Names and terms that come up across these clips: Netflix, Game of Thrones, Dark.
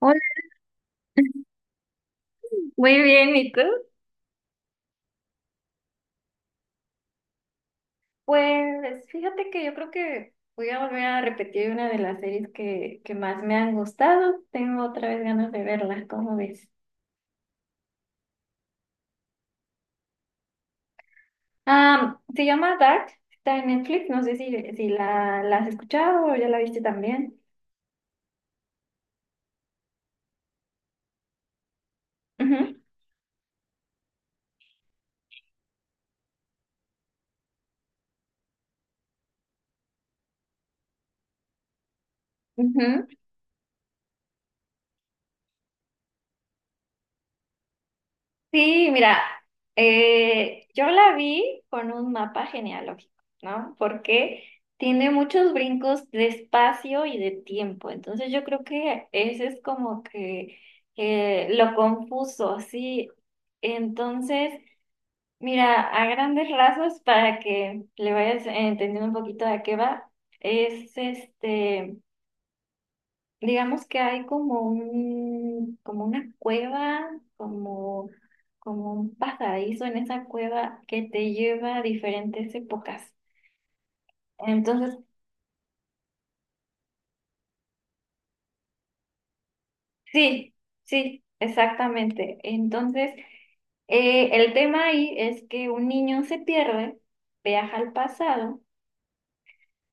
Hola, muy bien, ¿y tú? Pues fíjate que yo creo que voy a volver a repetir una de las series que más me han gustado. Tengo otra vez ganas de verla, ¿cómo ves? Ah, se llama Dark, está en Netflix, no sé si la has escuchado o ya la viste también. Ujú, ujú. Sí, mira, yo la vi con un mapa genealógico, ¿no? Porque tiene muchos brincos de espacio y de tiempo. Entonces yo creo que ese es como que lo confuso, sí. Entonces, mira, a grandes rasgos, para que le vayas entendiendo un poquito de qué va, es este. Digamos que hay como un, como una cueva, como, como un pasadizo en esa cueva que te lleva a diferentes épocas. Entonces, sí, sí, exactamente. Entonces, el tema ahí es que un niño se pierde, viaja al pasado.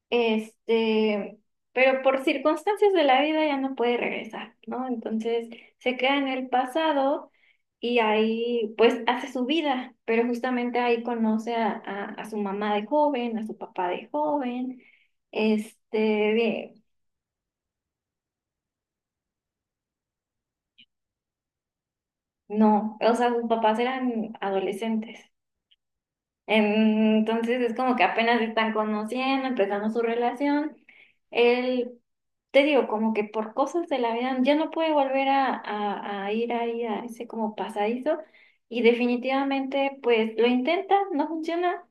Este, pero por circunstancias de la vida ya no puede regresar, ¿no? Entonces se queda en el pasado y ahí pues hace su vida, pero justamente ahí conoce a su mamá de joven, a su papá de joven, este, de- no, o sea, sus papás eran adolescentes. Entonces es como que apenas se están conociendo, empezando su relación. Él, te digo, como que por cosas de la vida ya no puede volver a ir ahí a ese como pasadizo y definitivamente pues lo intenta, no funciona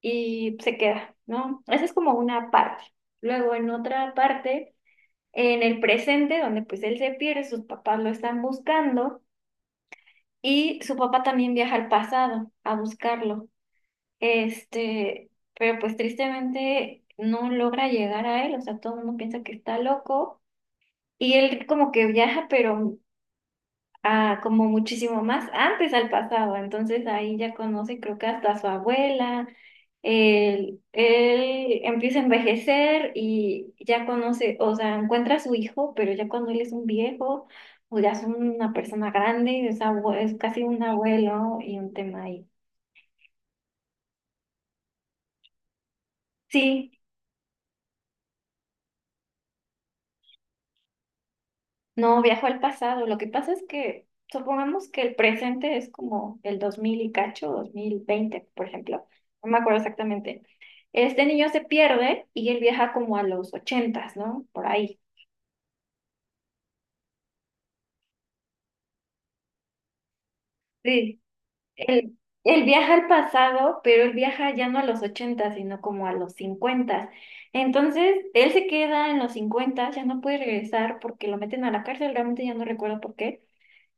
y se queda, ¿no? Esa es como una parte. Luego en otra parte, en el presente, donde pues él se pierde, sus papás lo están buscando y su papá también viaja al pasado a buscarlo. Este, pero pues tristemente no logra llegar a él, o sea, todo el mundo piensa que está loco y él como que viaja, pero a, como muchísimo más antes al pasado, entonces ahí ya conoce creo que hasta a su abuela, él empieza a envejecer y ya conoce, o sea, encuentra a su hijo, pero ya cuando él es un viejo o ya es una persona grande, es, es casi un abuelo y un tema ahí. Sí. No, viajo al pasado. Lo que pasa es que supongamos que el presente es como el 2000 y cacho, 2020 por ejemplo. No me acuerdo exactamente. Este niño se pierde y él viaja como a los ochentas, ¿no? Por ahí. Sí. Él, él viaja al pasado, pero él viaja ya no a los ochentas sino como a los cincuentas. Entonces, él se queda en los cincuentas, ya no puede regresar porque lo meten a la cárcel, realmente ya no recuerdo por qué.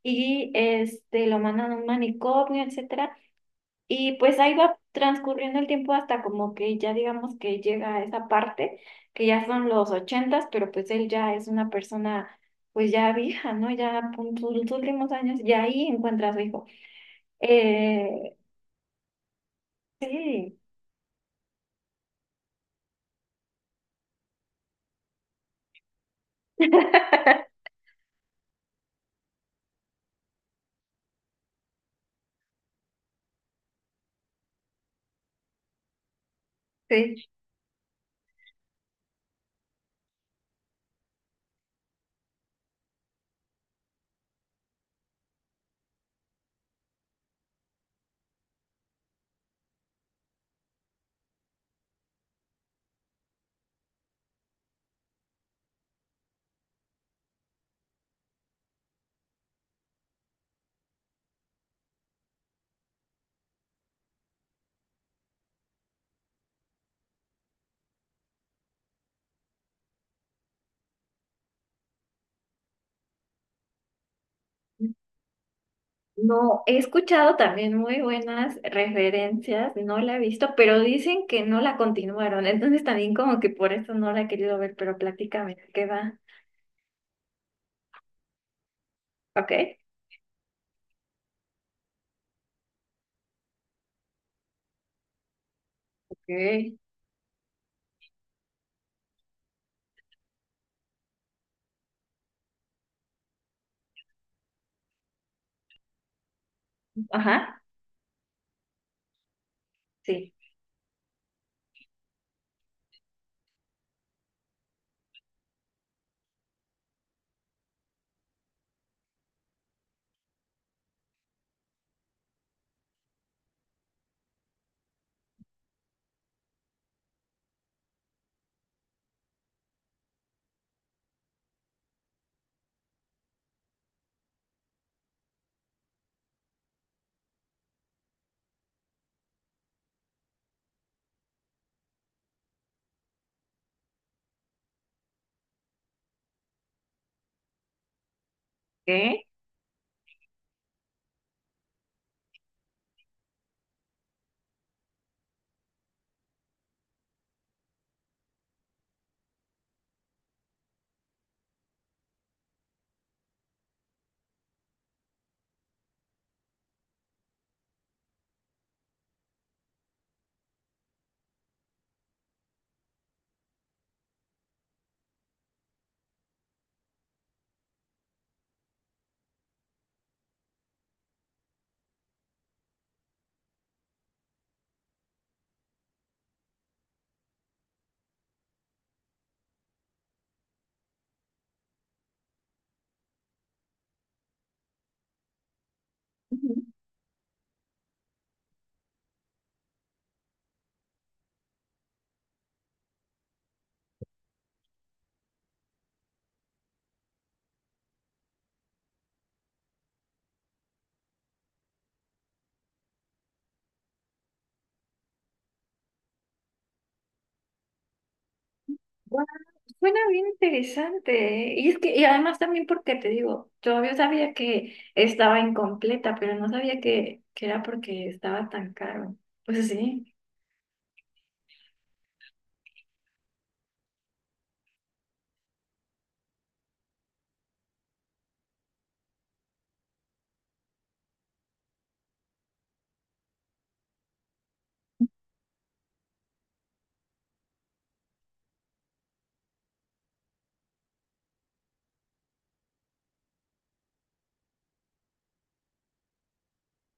Y este, lo mandan a un manicomio, etc. Y pues ahí va transcurriendo el tiempo hasta como que ya digamos que llega a esa parte, que ya son los ochentas, pero pues él ya es una persona pues ya vieja, ¿no? Ya en sus últimos años, y ahí encuentra a su hijo. Eh, sí, sí. No, he escuchado también muy buenas referencias, no la he visto, pero dicen que no la continuaron, entonces también como que por eso no la he querido ver, pero platícame, ¿de qué va? ¿Ok? Ok. Ajá, sí. ¿Qué? Ujú. Bueno, suena bien interesante, ¿eh? Y es que, y además también porque te digo, yo sabía que estaba incompleta, pero no sabía que era porque estaba tan caro. Pues sí,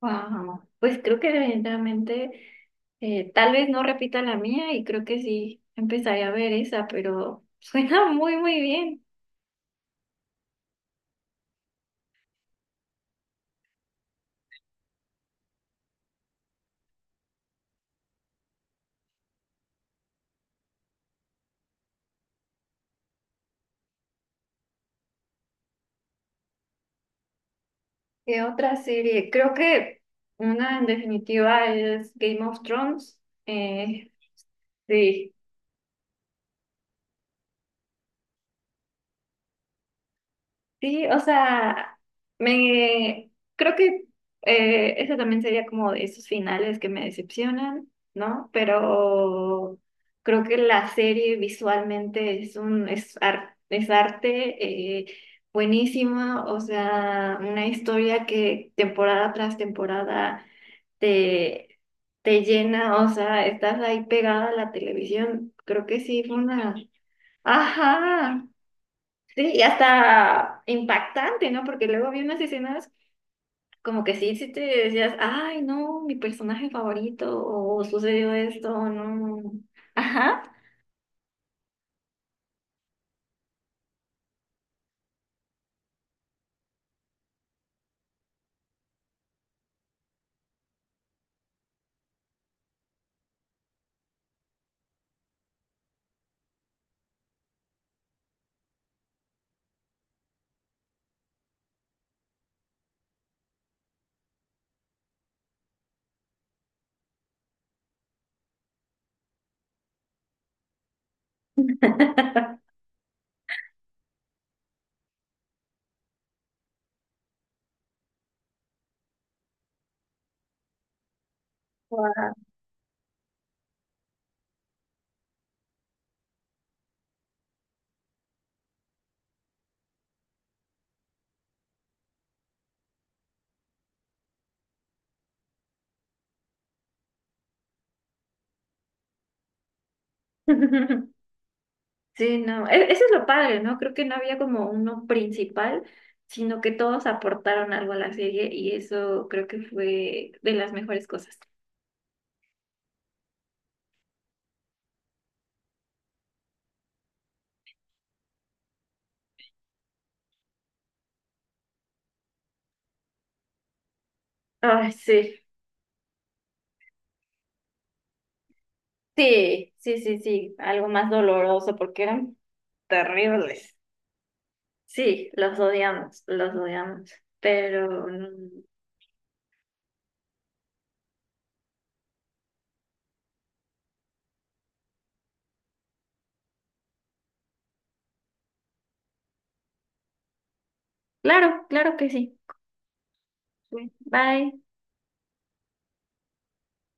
wow. Pues creo que definitivamente, tal vez no repita la mía y creo que sí empezaré a ver esa, pero suena muy, muy bien. ¿Qué otra serie? Creo que una en definitiva es Game of Thrones. Eh, sí. Sí, o sea, me creo que ese también sería como de esos finales que me decepcionan, ¿no? Pero creo que la serie visualmente es un es, ar- es arte, buenísima, o sea, una historia que temporada tras temporada te, te llena, o sea, estás ahí pegada a la televisión. Creo que sí fue una. Ajá. Sí, y hasta impactante, ¿no? Porque luego había unas escenas como que sí, sí te decías, ay, no, mi personaje favorito, o sucedió esto, o no. Ajá. Guau. Sí, no, eso es lo padre, ¿no? Creo que no había como uno principal, sino que todos aportaron algo a la serie y eso creo que fue de las mejores cosas. Ay, sí. Sí, sí, sí, sí, algo más doloroso porque eran terribles. Sí, los odiamos, los odiamos. Pero mm, claro, claro que sí. Sí. Bye.